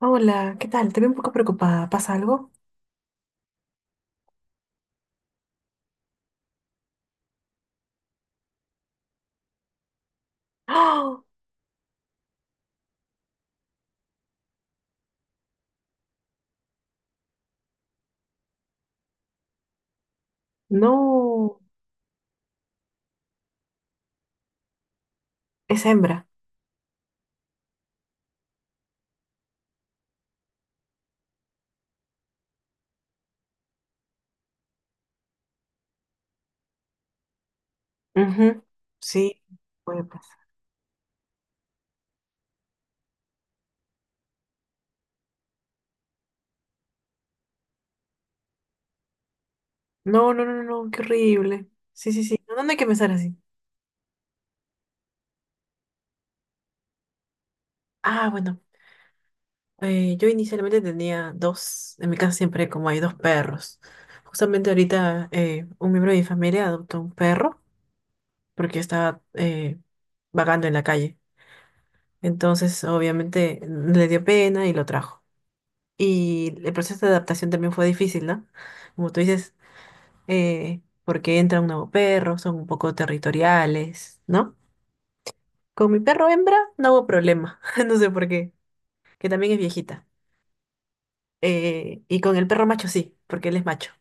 Hola, ¿qué tal? Te veo un poco preocupada. ¿Pasa algo? ¡Ah! No, es hembra. Ujú. Sí, puede pasar. No, no, no, no, no, qué horrible. Sí, sí, sí. No, no hay que pensar así. Ah, bueno, yo inicialmente tenía dos, en mi casa siempre como hay dos perros. Justamente ahorita un miembro de mi familia adoptó un perro porque estaba vagando en la calle. Entonces, obviamente, le dio pena y lo trajo. Y el proceso de adaptación también fue difícil, ¿no? Como tú dices, porque entra un nuevo perro, son un poco territoriales, ¿no? Con mi perro hembra no hubo problema, no sé por qué, que también es viejita. Y con el perro macho sí, porque él es macho.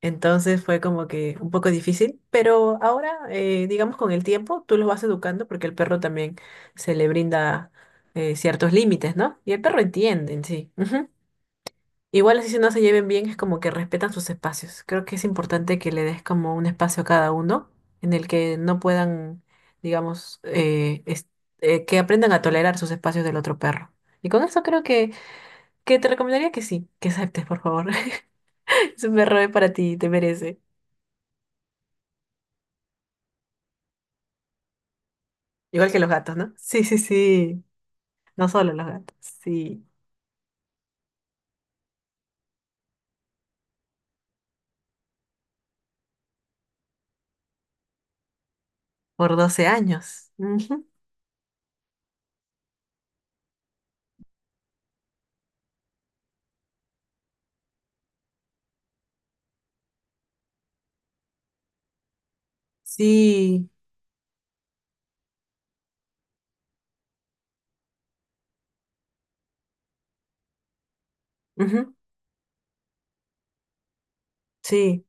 Entonces fue como que un poco difícil, pero ahora, digamos, con el tiempo tú los vas educando porque el perro también se le brinda ciertos límites, ¿no? Y el perro entiende en sí. Ujú. Igual así si no se lleven bien, es como que respetan sus espacios. Creo que es importante que le des como un espacio a cada uno en el que no puedan, digamos, que aprendan a tolerar sus espacios del otro perro. Y con eso creo que te recomendaría que sí, que aceptes, por favor. Es un perro, es para ti, te merece. Igual que los gatos, ¿no? Sí, sí, sí. No solo los gatos, sí. Por 12 años. Ujú. Sí. Ujú. Sí.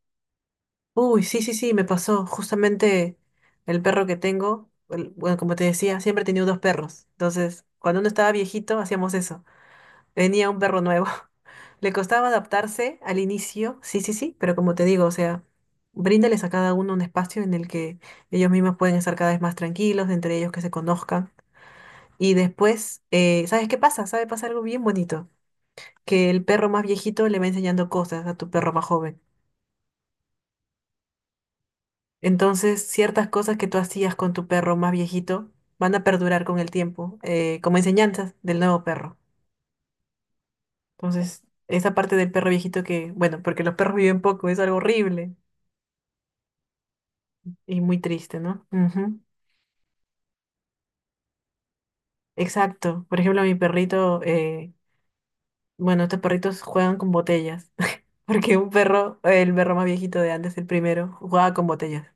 Uy, sí, sí, sí, me pasó. Justamente el perro que tengo, bueno, como te decía, siempre he tenido dos perros. Entonces, cuando uno estaba viejito, hacíamos eso. Venía un perro nuevo. Le costaba adaptarse al inicio, sí, sí, sí, pero como te digo, o sea, bríndales a cada uno un espacio en el que ellos mismos pueden estar cada vez más tranquilos, entre ellos que se conozcan. Y después, ¿sabes qué pasa? ¿Sabe? Pasa algo bien bonito, que el perro más viejito le va enseñando cosas a tu perro más joven. Entonces, ciertas cosas que tú hacías con tu perro más viejito van a perdurar con el tiempo, como enseñanzas del nuevo perro. Entonces, esa parte del perro viejito que, bueno, porque los perros viven poco, es algo horrible y muy triste, ¿no? Ujú. Exacto. Por ejemplo, mi perrito, bueno, estos perritos juegan con botellas, porque un perro, el perro más viejito de antes, el primero, jugaba con botellas.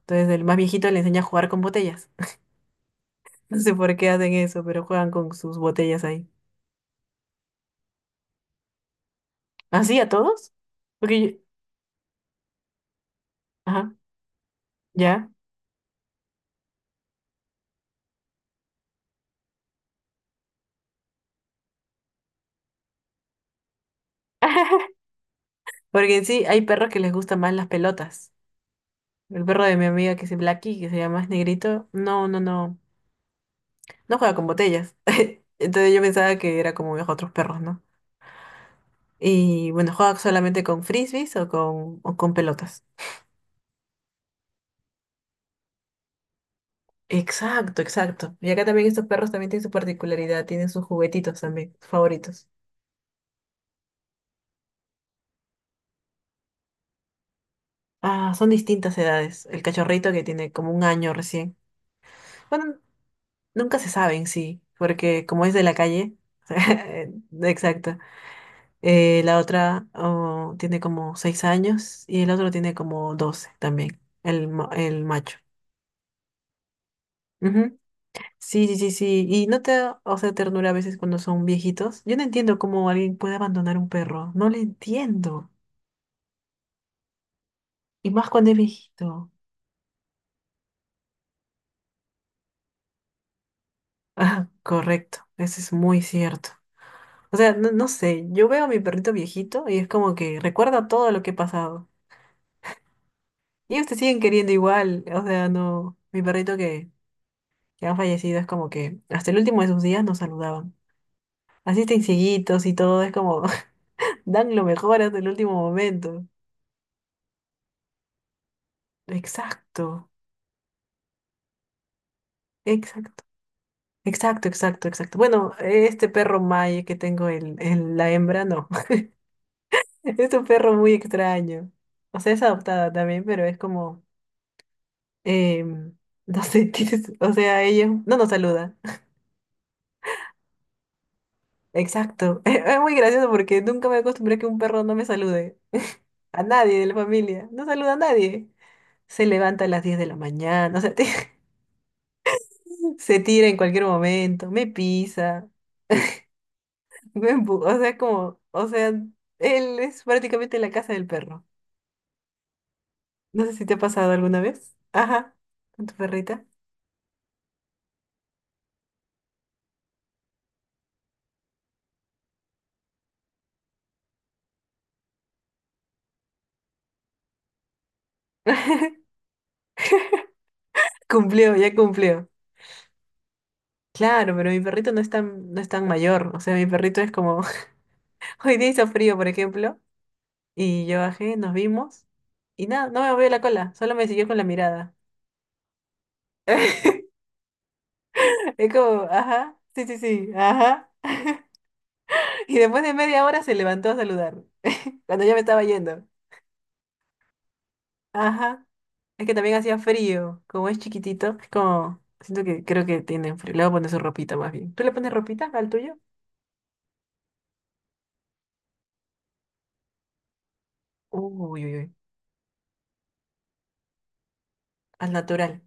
Entonces, el más viejito le enseña a jugar con botellas. No sé por qué hacen eso, pero juegan con sus botellas ahí. ¿Así a todos? Porque yo- Ajá, ya. Porque en sí hay perros que les gustan más las pelotas. El perro de mi amiga que es Blacky, que se llama, es negrito, no, no, no, no juega con botellas. Entonces yo pensaba que era como los otros perros, ¿no? Y bueno, juega solamente con frisbees o con pelotas. Exacto, exacto. Y acá también estos perros también tienen su particularidad, tienen sus juguetitos también, sus favoritos. Ah, son distintas edades. El cachorrito que tiene como 1 año recién. Bueno, nunca se saben, sí, porque como es de la calle, exacto. La otra tiene como 6 años y el otro tiene como 12 también, el macho. Ujú. Sí, sí, sí, sí. Y no te da, o sea, ternura a veces cuando son viejitos. Yo no entiendo cómo alguien puede abandonar un perro. No lo entiendo. Y más cuando es viejito. Ah, correcto. Eso es muy cierto. O sea, no, no sé. Yo veo a mi perrito viejito y es como que recuerda todo lo que he pasado. Y ellos te siguen queriendo igual, o sea, no, mi perrito que han fallecido es como que hasta el último de sus días nos saludaban. Así estén cieguitos y todo, es como dan lo mejor hasta el último momento. Exacto, exacto, exacto, exacto, exacto. Bueno, este perro Maye que tengo, la hembra, no. Es un perro muy extraño. O sea, es adoptada también, pero es como, em, no sé, tienes- o sea, ella no nos saluda. Exacto. Es muy gracioso porque nunca me acostumbré a que un perro no me salude. A nadie de la familia. No saluda a nadie. Se levanta a las 10 de la mañana. O sea, se tira en cualquier momento. Me pisa. O sea, como. O sea, él es prácticamente la casa del perro. No sé si te ha pasado alguna vez. Ajá. Con tu perrita. Cumplió, ya cumplió. Claro, pero mi perrito no es tan, no es tan mayor. O sea, mi perrito es como. Hoy día hizo frío, por ejemplo. Y yo bajé, nos vimos. Y nada, no me movió la cola, solo me siguió con la mirada. Es como, ajá, sí, sí, sí, ajá. Y después de media hora se levantó a saludar, cuando ya me estaba yendo. Ajá. Es que también hacía frío, como es chiquitito, es como, siento que creo que tiene frío. Le voy a poner su ropita más bien. ¿Tú le pones ropita al tuyo? Uy, uy, uy. Al natural.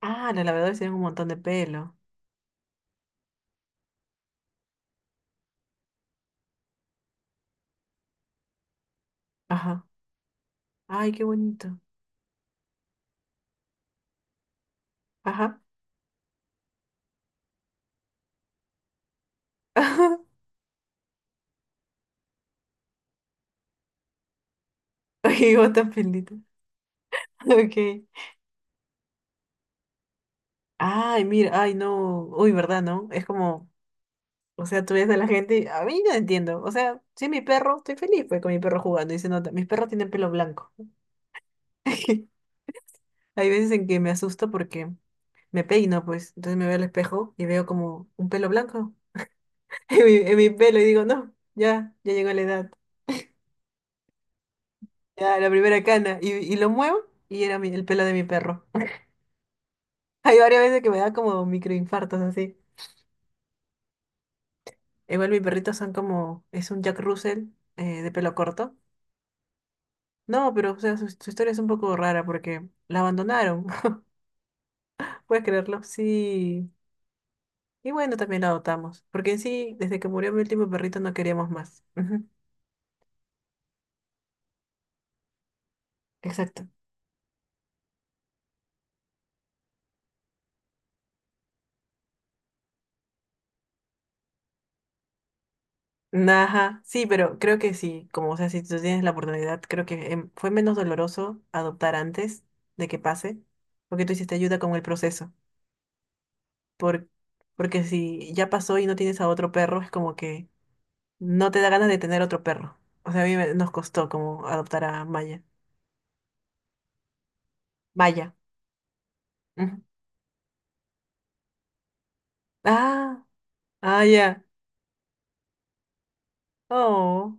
Ah, los lavadores tienen un montón de pelo. Ajá. Ay, qué bonito. Ajá. Ajá, y vos pelitos, pelito. Ok. Ay, mira, ay, no. Uy, ¿verdad, no? Es como, o sea, tú ves a la gente, y- a mí no entiendo. O sea, sí, mi perro, estoy feliz pues, con mi perro jugando y se nota. Mis perros tienen pelo blanco. Hay veces en que me asusto porque me peino, pues. Entonces me veo al espejo y veo como un pelo blanco en mi pelo y digo, no, ya, ya llegó la edad, ya la primera cana. Y lo muevo y era mi- el pelo de mi perro. Hay varias veces que me da como microinfartos así. Igual mis perritos son como, es un Jack Russell de pelo corto. No, pero o sea, su historia es un poco rara porque la abandonaron, ¿puedes creerlo? Sí. Y bueno, también la adoptamos, porque en sí, desde que murió mi último perrito no queríamos más. Ujú. Exacto. Ajá, sí, pero creo que sí, como o sea, si tú tienes la oportunidad, creo que fue menos doloroso adoptar antes de que pase, porque tú hiciste ayuda con el proceso. Por, porque si ya pasó y no tienes a otro perro, es como que no te da ganas de tener otro perro. O sea, a mí me- nos costó como adoptar a Maya. Maya. Ah, ah, ya. Oh,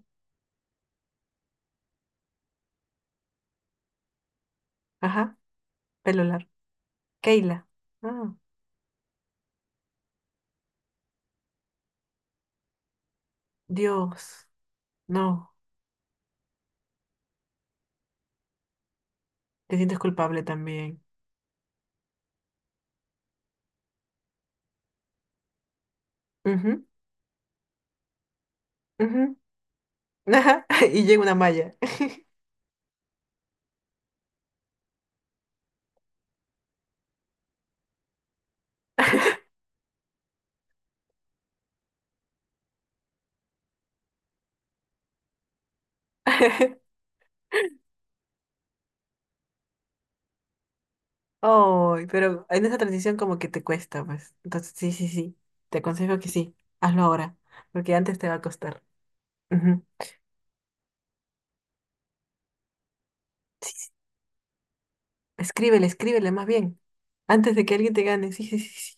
ajá, pelo largo. Keila. Ah, Dios. No, te sientes culpable también. Ujú, ujú. Ajá, y llega una malla. Oh, pero en esa transición como que te cuesta, pues. Entonces, sí, sí, sí. Te aconsejo que sí. Hazlo ahora, porque antes te va a costar. Ujú. Sí, sí. Escríbele, escríbele más bien. Antes de que alguien te gane. Sí, sí, sí, sí.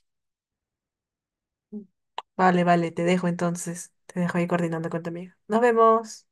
Vale, vale, te dejo entonces. Te dejo ahí coordinando con tu amiga. Nos vemos.